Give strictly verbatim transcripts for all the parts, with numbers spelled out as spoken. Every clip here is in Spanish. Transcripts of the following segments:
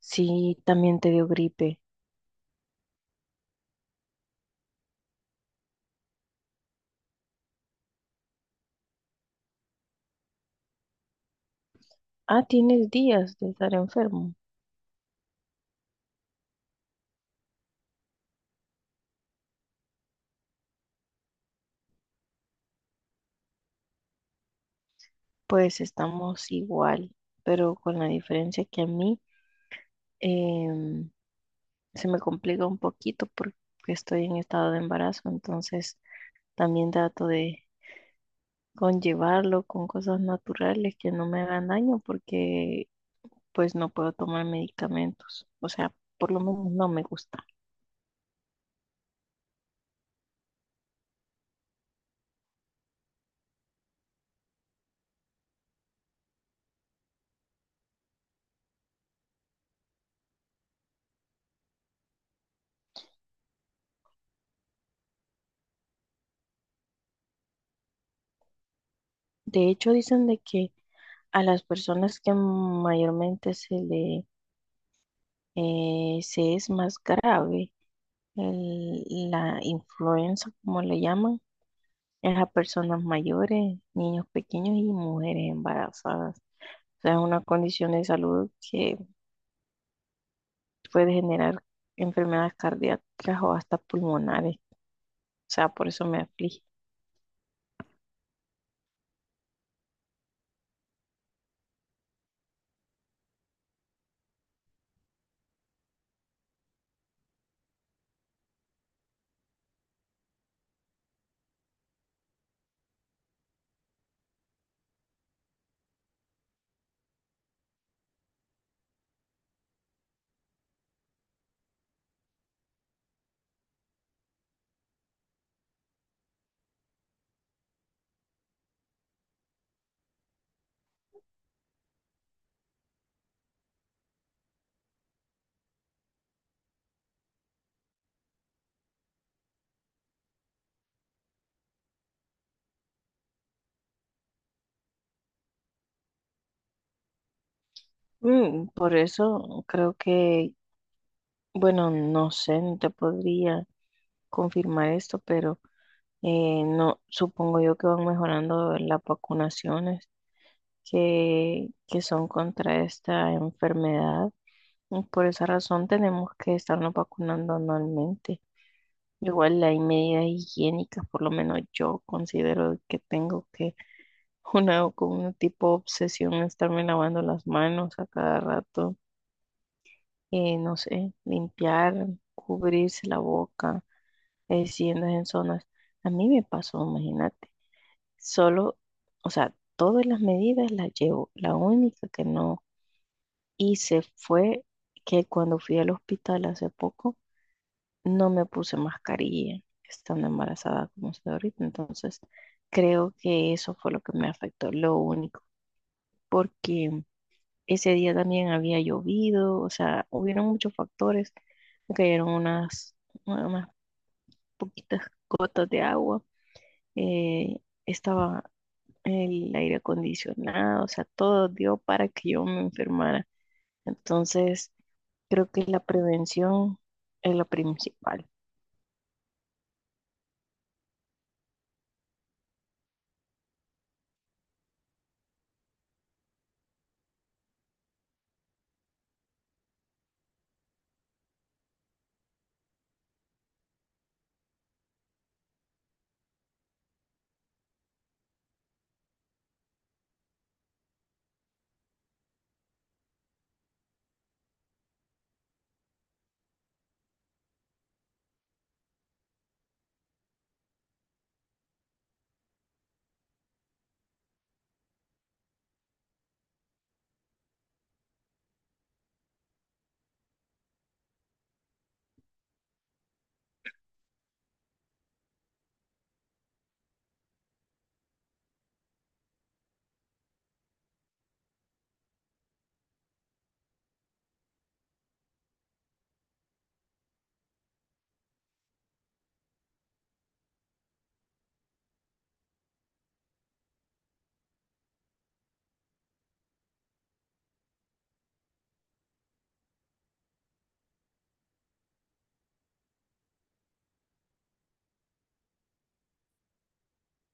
Sí, también te dio gripe. Ah, tienes días de estar enfermo. Pues estamos igual, pero con la diferencia que a mí em, se me complica un poquito porque estoy en estado de embarazo, entonces también trato de conllevarlo con cosas naturales que no me hagan daño porque pues no puedo tomar medicamentos. O sea, por lo menos no me gusta. De hecho, dicen de que a las personas que mayormente se le eh, sí es más grave. El- la influenza, como le llaman, es a personas mayores, niños pequeños y mujeres embarazadas. O sea, es una condición de salud que puede generar enfermedades cardíacas o hasta pulmonares. O sea, por eso me aflige. Mm, por eso creo que, bueno, no sé, no te podría confirmar esto, pero eh, no, supongo yo que van mejorando las vacunaciones que, que son contra esta enfermedad. Y por esa razón tenemos que estarnos vacunando anualmente. Igual hay medidas higiénicas, por lo menos yo considero que tengo que una como un tipo de obsesión estarme lavando las manos a cada rato, eh, no sé, limpiar, cubrirse la boca, eh, si andas en zonas. A mí me pasó, imagínate. Solo, o sea, todas las medidas las llevo. La única que no. Y se fue que cuando fui al hospital hace poco, no me puse mascarilla estando embarazada como estoy ahorita. Entonces, creo que eso fue lo que me afectó, lo único, porque ese día también había llovido, o sea, hubieron muchos factores. Me cayeron unas, unas poquitas gotas de agua. Eh, estaba el aire acondicionado, o sea, todo dio para que yo me enfermara. Entonces, creo que la prevención es lo principal.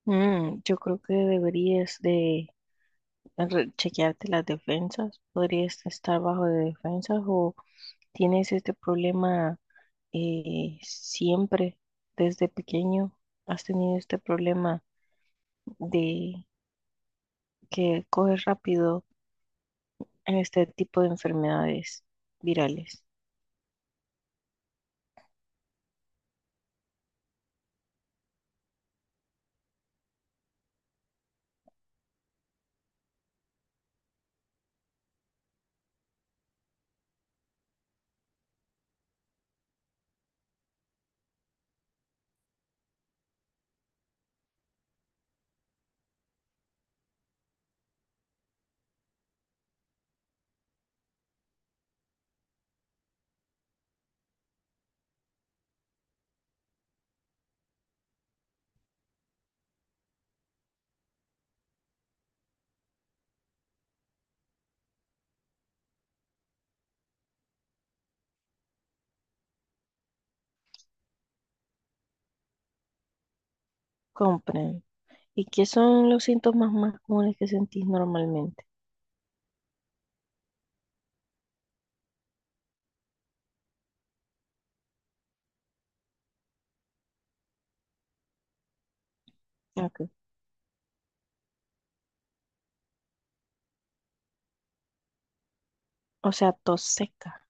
Mm, yo creo que deberías de re- chequearte las defensas. Podrías estar bajo de defensas o tienes este problema eh, siempre desde pequeño. Has tenido este problema de que coges rápido en este tipo de enfermedades virales. Compren. ¿Y qué son los síntomas más comunes que sentís normalmente? Ok. O sea, tos seca.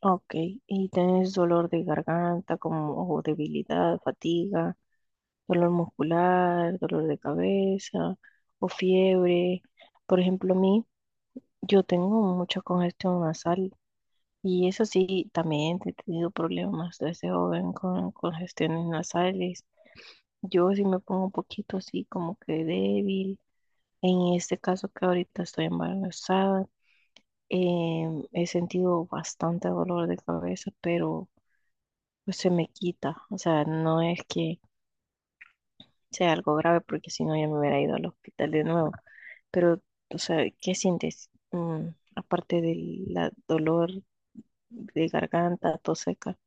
Ok, ¿y tenés dolor de garganta como o debilidad, fatiga, dolor muscular, dolor de cabeza o fiebre? Por ejemplo, a mí, yo tengo mucha congestión nasal y eso sí, también he tenido problemas desde joven con congestiones nasales. Yo sí me pongo un poquito así como que débil. En este caso que ahorita estoy embarazada, em, he sentido bastante dolor de cabeza, pero pues se me quita. O sea, no es que sea algo grave porque si no ya me hubiera ido al hospital de nuevo. Pero, o sea, ¿qué sientes? Mm, aparte del la- dolor de garganta, tos seca.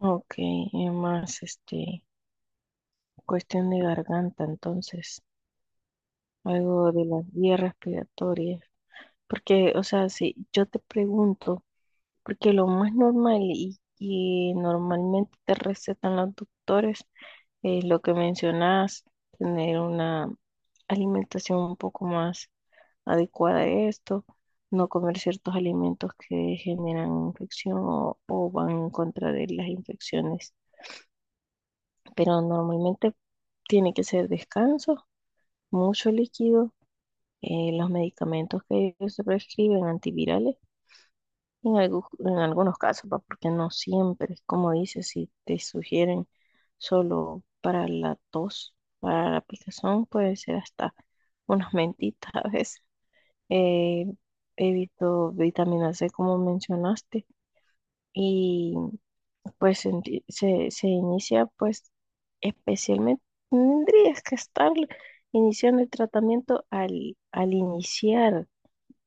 Ok, y más, este, cuestión de garganta, entonces, algo de las vías respiratorias. Porque, o sea, si yo te pregunto, porque lo más normal y que normalmente te recetan los doctores es lo que mencionas, tener una alimentación un poco más adecuada a esto, no comer ciertos alimentos que generan infección o, o van en contra de las infecciones, pero normalmente tiene que ser descanso, mucho líquido, eh, los medicamentos que ellos te prescriben, antivirales. En algu- en algunos casos, va, porque no siempre, como dices, si te sugieren solo para la tos, para la picazón, puede ser hasta unas mentitas a veces. Eh, evito vitamina C, como mencionaste, y pues enti- se, se inicia, pues especialmente, tendrías que estar iniciando el tratamiento al, al iniciar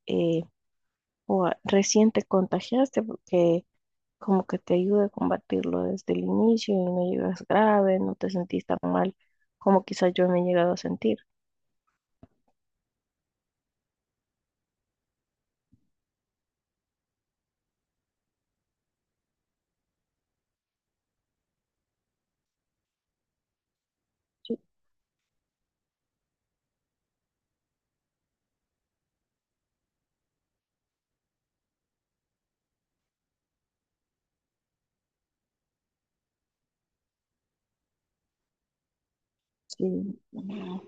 eh, o a- recién te contagiaste, porque como que te ayude a combatirlo desde el inicio y no llegas grave, no te sentís tan mal como quizás yo me he llegado a sentir. Sí, sí, mm,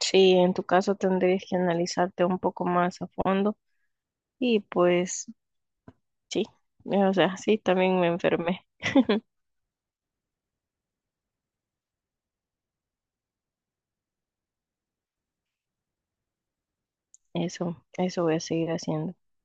sí, en tu caso tendrías que analizarte un poco más a fondo y pues sí, o sea, sí, también me enfermé. Eso, eso voy a seguir haciendo.